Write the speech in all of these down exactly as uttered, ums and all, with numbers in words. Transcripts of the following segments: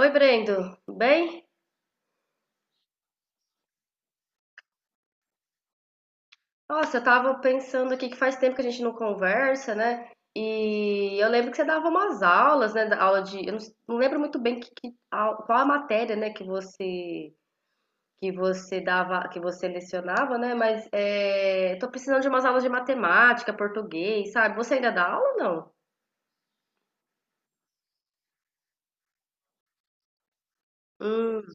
Oi, Brendo, tudo bem? Nossa, eu tava pensando aqui que faz tempo que a gente não conversa, né? E eu lembro que você dava umas aulas, né? Da aula de, eu não, s- não lembro muito bem que, que au- qual a matéria, né? Que você que você dava, que você lecionava, né? Mas é, tô precisando de umas aulas de matemática, português, sabe? Você ainda dá aula ou não? Hum,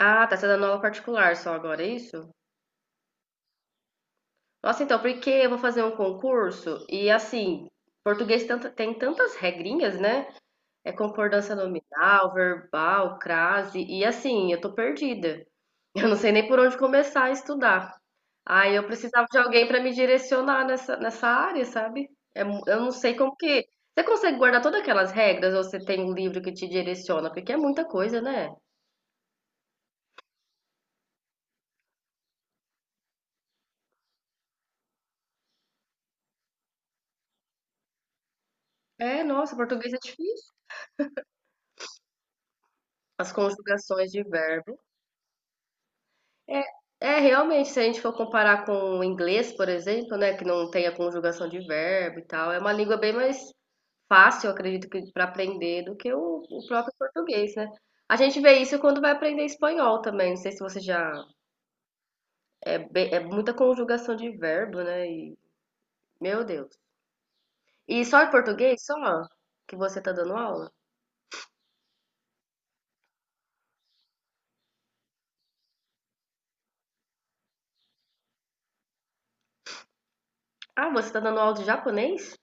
ah, tá, você tá dando aula particular só agora, é isso? Nossa, então, porque eu vou fazer um concurso e assim, português tanta- tem tantas regrinhas, né? É concordância nominal, verbal, crase. E assim, eu tô perdida. Eu não sei nem por onde começar a estudar. Aí eu precisava de alguém para me direcionar nessa, nessa área, sabe? É mu- eu não sei como que. Você consegue guardar todas aquelas regras ou você tem um livro que te direciona? Porque é muita coisa, né? É, nossa, português é difícil. As conjugações de verbo. É, é, Realmente, se a gente for comparar com o inglês, por exemplo, né, que não tem a conjugação de verbo e tal, é uma língua bem mais fácil, eu acredito que para aprender do que o, o próprio português, né? A gente vê isso quando vai aprender espanhol também. Não sei se você já é, bem- é muita conjugação de verbo, né? E, meu Deus. E só em português, só que você tá dando aula? Ah, você tá dando aula de japonês?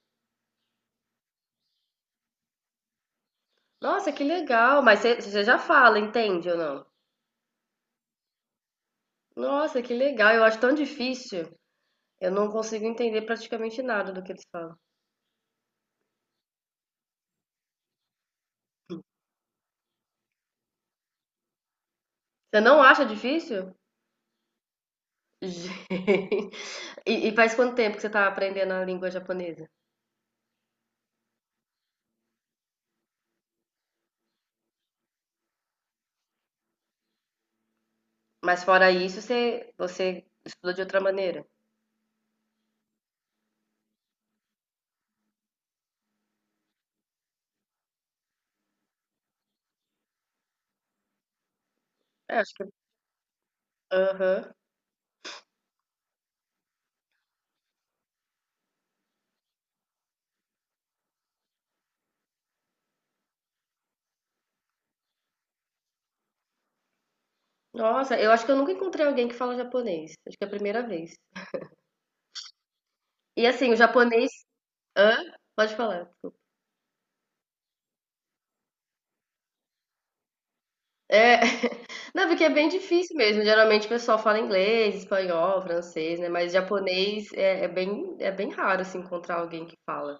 Nossa, que legal! Mas você você já fala, entende ou não? Nossa, que legal! Eu acho tão difícil. Eu não consigo entender praticamente nada do que eles falam. Você não acha difícil? Gente. E, e faz quanto tempo que você está aprendendo a língua japonesa? Mas fora isso, você, você estudou de outra maneira? É, acho que. Aham. Nossa, eu acho que eu nunca encontrei alguém que fala japonês. Acho que é a primeira vez. E assim, o japonês. Hã? Pode falar, desculpa. É, não, porque é bem difícil mesmo. Geralmente o pessoal fala inglês, espanhol, francês, né? Mas japonês é, é bem, é bem raro assim, encontrar alguém que fala.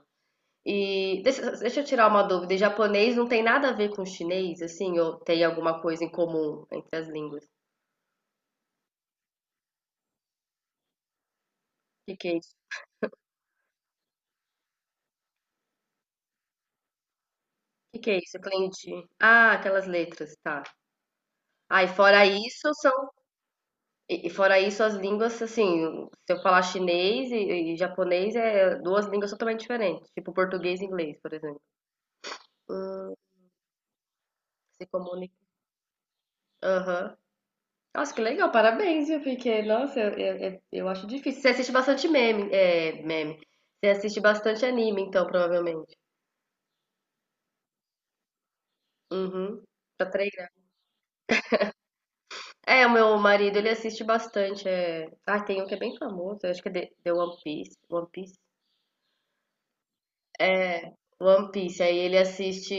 E deixa, deixa eu tirar uma dúvida. E japonês não tem nada a ver com chinês, assim, ou tem alguma coisa em comum entre as línguas? O que que é isso? O que que é isso? Kanji. Ah, aquelas letras, tá. Ah, e fora isso são, e e fora isso as línguas, assim, se eu falar chinês e, e japonês é duas línguas totalmente diferentes, tipo português e inglês, por exemplo. Hum, Se comunica. Aham. Nossa, que legal, parabéns, viu? Porque, nossa, eu, eu, eu- eu acho difícil. Você assiste bastante meme, é, meme. Você assiste bastante anime, então, provavelmente. Uhum, pra treinar. É, o meu marido, ele assiste bastante. É... Ah, tem um que é bem famoso, eu acho que é The, The One Piece. One Piece? É, One Piece. Aí ele assiste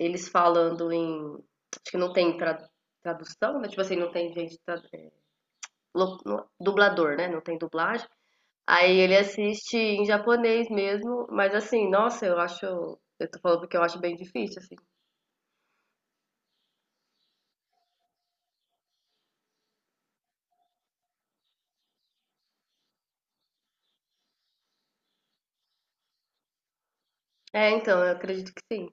eles falando em. Acho que não tem tra- tradução, né? Tipo assim, não tem gente. Tra... é, lo- no- dublador, né? Não tem dublagem. Aí ele assiste em japonês mesmo, mas assim, nossa, eu acho. Eu tô falando porque eu acho bem difícil, assim. É, então, eu acredito que sim.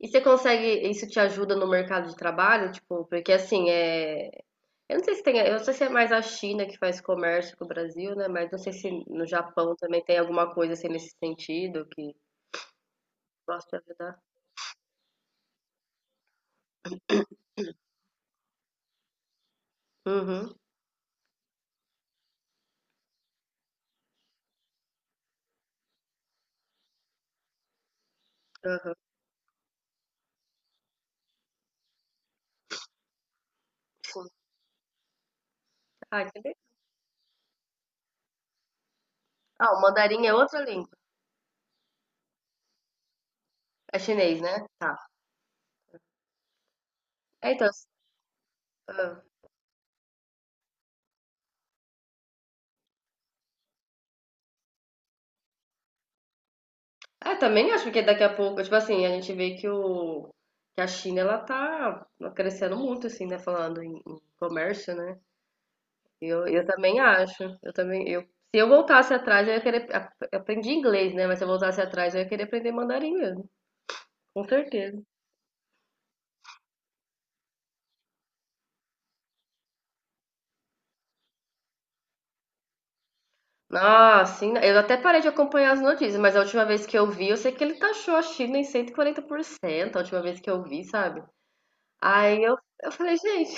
E você consegue, isso te ajuda no mercado de trabalho? Tipo, porque assim, é. Eu não sei se tem, eu não sei se é mais a China que faz comércio com o Brasil, né? Mas não sei se no Japão também tem alguma coisa assim nesse sentido que possa te ajudar. Uhum, aham, sim. Ah, que legal. Ah, o mandarim é outra língua. É chinês, né? Tá. É, então. Ah. É, também acho que daqui a pouco, tipo assim, a gente vê que o que a China ela tá crescendo muito assim, né, falando em, em comércio, né? Eu, eu também acho. Eu também eu se eu voltasse atrás, eu ia querer ap- eu aprendi inglês, né, mas se eu voltasse atrás, eu ia querer aprender mandarim mesmo. Com certeza. Nossa, sim, eu até parei de acompanhar as notícias, mas a última vez que eu vi, eu sei que ele taxou a China em cento e quarenta por cento a última vez que eu vi, sabe? Aí eu, eu falei, gente,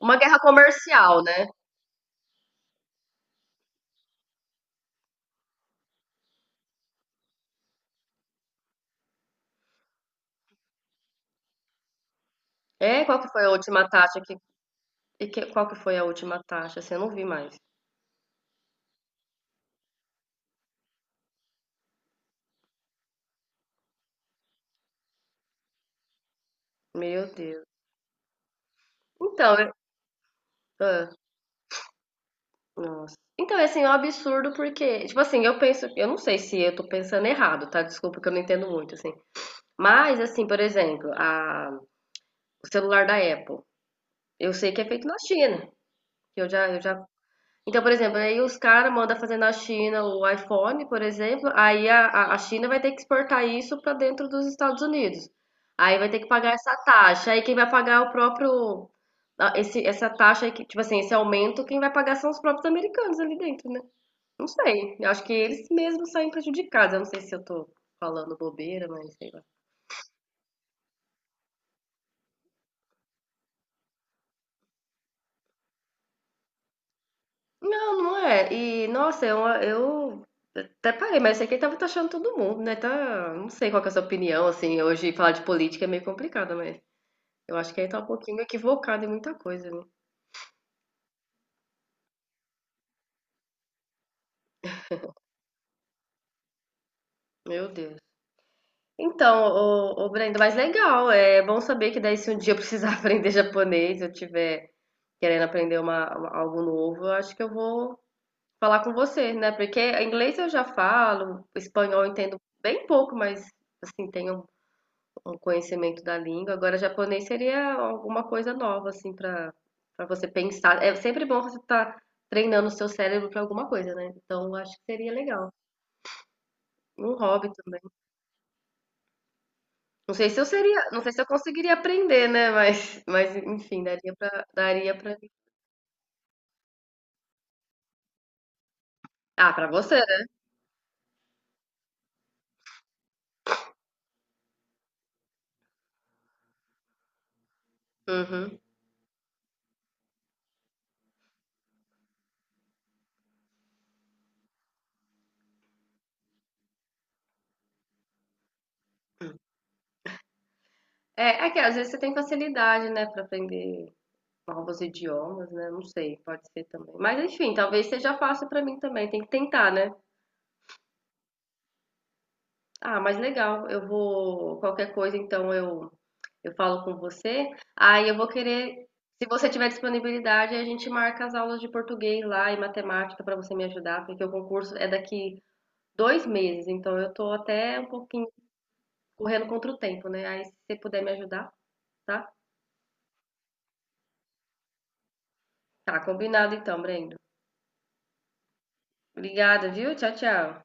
uma guerra comercial, né? É, qual que foi a última taxa que E que- qual que foi a última taxa? Assim, eu não vi mais. Meu Deus. Então, eu- ah, nossa. Então, assim, é um absurdo porque, tipo assim, eu penso, eu não sei se eu tô pensando errado, tá? Desculpa que eu não entendo muito, assim. Mas, assim, por exemplo, a, o celular da Apple, eu sei que é feito na China. Que Eu já, eu já. Então, por exemplo, aí os caras mandam fazer na China o iPhone, por exemplo, aí a, a- a China vai ter que exportar isso para dentro dos Estados Unidos. Aí vai ter que pagar essa taxa. Aí quem vai pagar é o próprio. a- Esse, essa taxa, aí que- tipo assim, esse aumento, quem vai pagar são os próprios americanos ali dentro, né? Não sei. Eu acho que eles mesmos saem prejudicados. Eu não sei se eu tô falando bobeira, mas sei lá. Não, não é. E, nossa, eu, eu até parei, mas esse aqui tava taxando todo mundo, né? Tá, não sei qual que é a sua opinião, assim, hoje falar de política é meio complicado, mas eu acho que aí tá um pouquinho equivocado em muita coisa, né? Meu Deus. Então, o o Brenda, mas legal, é bom saber que daí se um dia eu precisar aprender japonês, eu tiver querendo aprender uma, uma- algo novo, eu acho que eu vou falar com você, né? Porque inglês eu já falo, espanhol eu entendo bem pouco, mas, assim, tenho um conhecimento da língua. Agora, japonês seria alguma coisa nova, assim, para para você pensar. É sempre bom você estar treinando o seu cérebro para alguma coisa, né? Então, eu acho que seria legal. Um hobby também. Não sei se eu seria, não sei se eu conseguiria aprender, né? Mas, mas enfim, daria para, daria para. Ah, para você, né? Uhum. É, é que às vezes você tem facilidade, né, para aprender novos idiomas, né? Não sei, pode ser também. Mas enfim, talvez seja fácil para mim também. Tem que tentar, né? Ah, mas legal. Eu vou. Qualquer coisa, então eu, eu falo com você. Aí eu vou querer. Se você tiver disponibilidade, a gente marca as aulas de português lá e matemática para você me ajudar, porque o concurso é daqui dois meses, então eu tô até um pouquinho correndo contra o tempo, né? Aí se você puder me ajudar, tá? Tá, combinado então, Brendo. Obrigada, viu? Tchau, tchau.